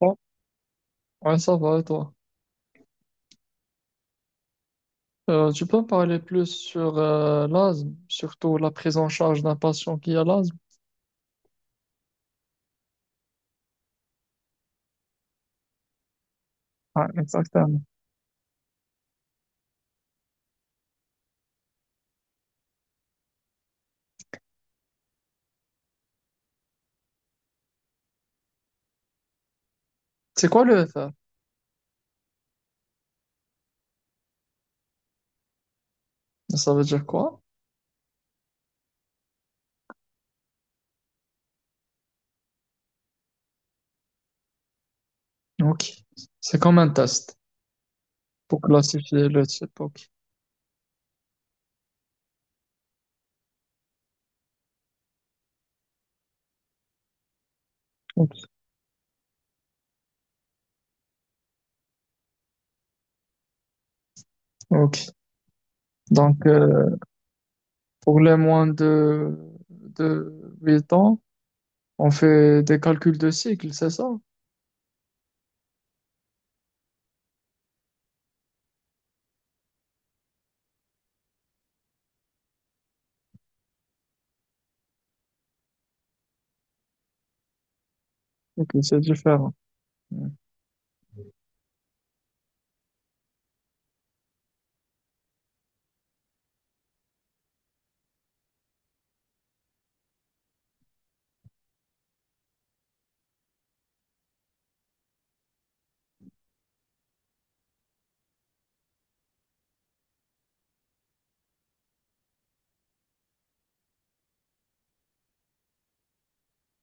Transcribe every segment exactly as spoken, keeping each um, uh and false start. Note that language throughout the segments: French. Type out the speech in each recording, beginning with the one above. Ouais, ouais, ça va, et toi? Euh, tu peux me parler plus sur euh, l'asthme, surtout la prise en charge d'un patient qui a l'asthme? Ouais, exactement. C'est quoi le F R? Ça veut dire quoi? Ok. C'est comme un test pour classifier le type. Ok. Ok. Ok. Donc, euh, pour les moins de, de huit ans, on fait des calculs de cycle, c'est ça? Ok, c'est différent. Mm.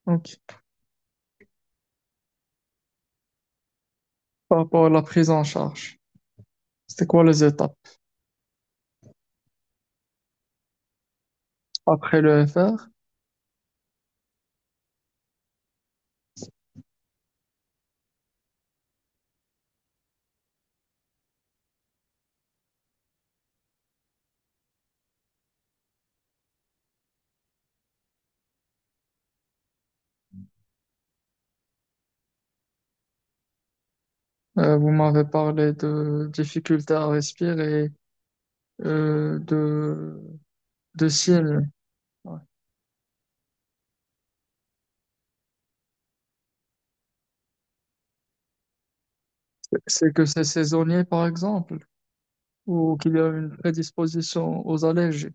Ok. Par rapport à la prise en charge, c'était quoi les étapes? Après le F R? Euh, vous m'avez parlé de difficultés à respirer, euh, de, de ciel. Ouais. C'est c'est que c'est saisonnier, par exemple, ou qu'il y a une prédisposition aux allergies.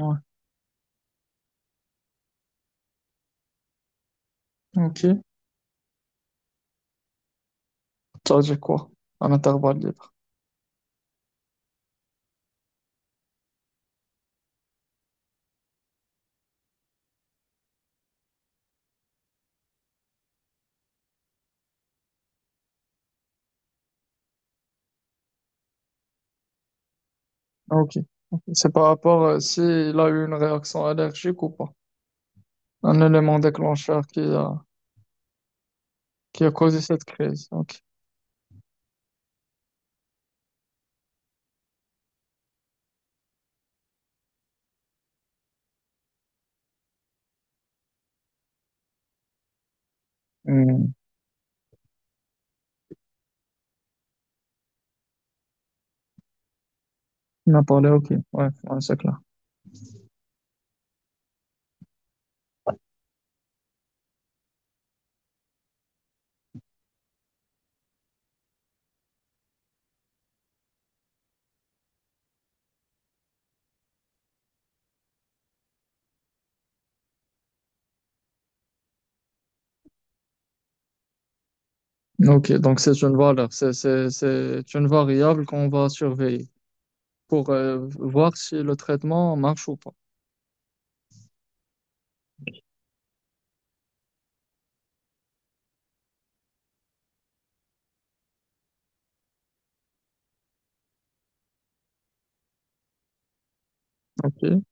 Ouais. Ok. Ça veut dire quoi? Un intervalle libre. Ah, ok. Ok. C'est par rapport à s'il a eu une réaction allergique ou pas. Un élément déclencheur qui a, qui a causé cette crise. Ok. Hmm. On a parlé, ok. Ouais, ouais, c'est clair. Ok, donc c'est une valeur, c'est, c'est, c'est une variable qu'on va surveiller pour euh, voir si le traitement marche ou pas. Ok.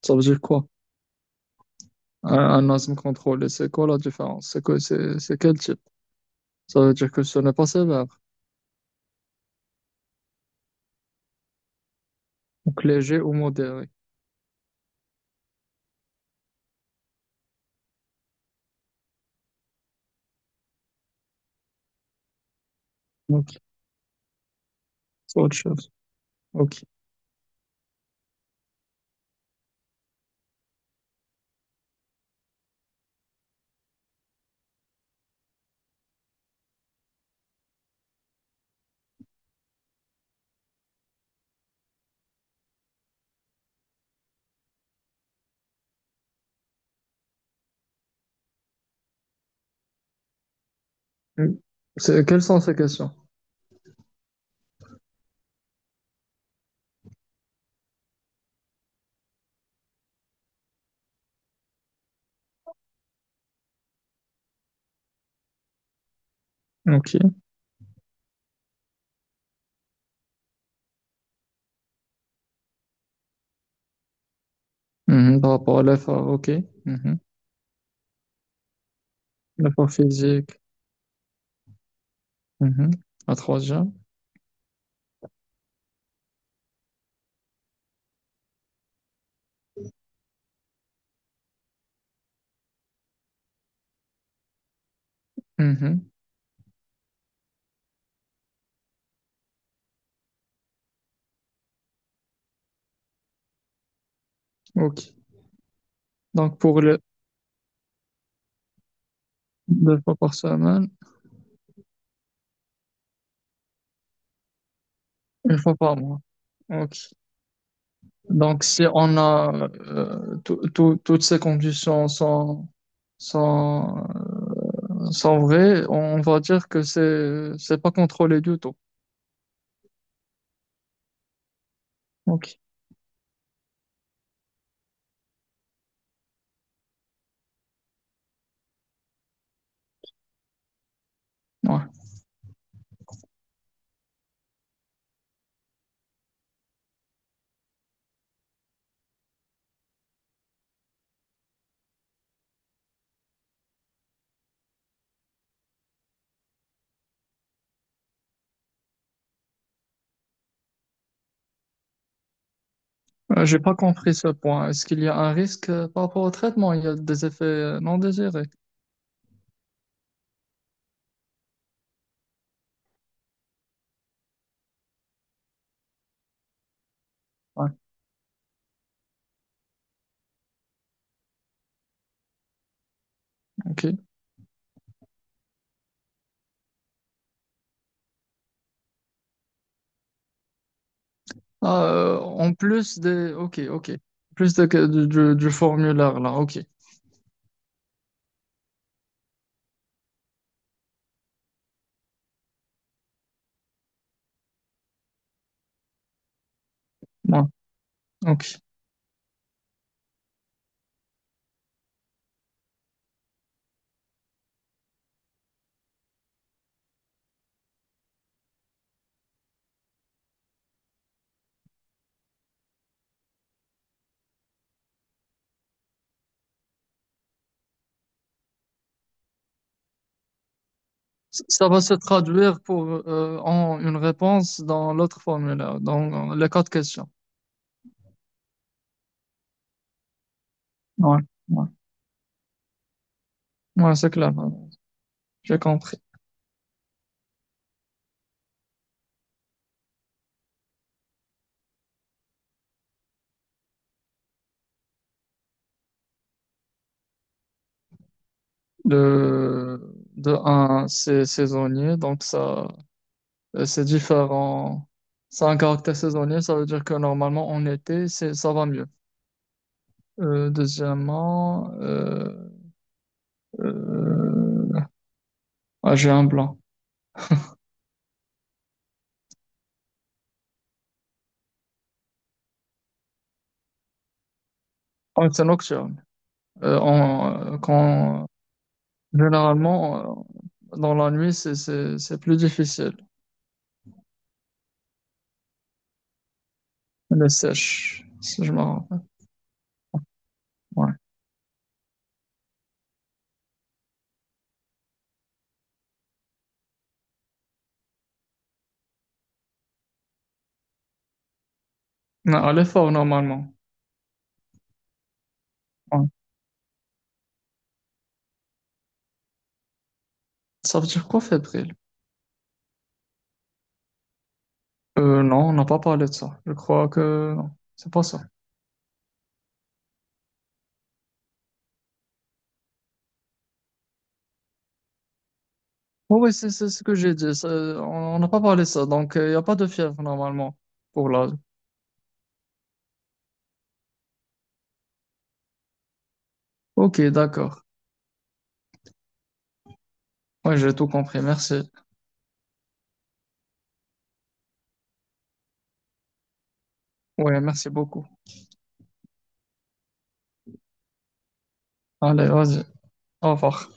Ça veut dire quoi? Un, un asthme contrôlé, c'est quoi la différence? C'est que, c'est, c'est quel type? Ça veut dire que ce n'est pas sévère, donc léger ou modéré. Ok. C'est autre chose. Ok. Mm. C'est, quelles sont ces questions? Ok. Mhm. Par rapport à l'effort, ok. Mhm. L'effort physique. Mhm. La troisième. Mhm. Ok. Donc, pour le deux fois par semaine, une fois par mois. Ok. Donc, si on a euh, tout- tout- toutes ces conditions sont, sont, sont vraies, on va dire que c'est c'est pas contrôlé du tout. Ok. Ouais. Euh, j'ai pas compris ce point. Est-ce qu'il y a un risque euh, par rapport au traitement? Il y a des effets euh, non désirés. Ouais. Ok. Ah, euh, en plus des. Ok, ok. Plus de, du, du- Du formulaire là. Ok. Ouais. Ok. Ça va se traduire pour euh, en une réponse dans l'autre formulaire, dans les quatre questions. Ouais, ouais, ouais, c'est clair. Ouais. J'ai compris. De, de un, c'est saisonnier, donc ça, euh, c'est différent. Ça a un caractère saisonnier, ça veut dire que normalement en été, c'est, ça va mieux. Euh, deuxièmement, euh, euh, ah, j'ai un blanc. Ah, c'est nocturne. Euh, en- euh, quand, Généralement, euh, dans la nuit, c'est, c'est, c'est plus difficile. Elle est sèche, si je me rappelle. Ouais. Non, elle est forte normalement. Ouais. Ça veut dire quoi, fébrile? Euh, non, on n'a pas parlé de ça. Je crois que non, c'est pas ça. Oh, oui, c'est c'est ce que j'ai dit. ça- On on n'a pas parlé de ça. Donc, il n'y a pas de fièvre normalement pour l'âge. Ok, d'accord. Ouais, j'ai tout compris. Merci. Ouais, merci beaucoup. Allez, vas-y. Au revoir.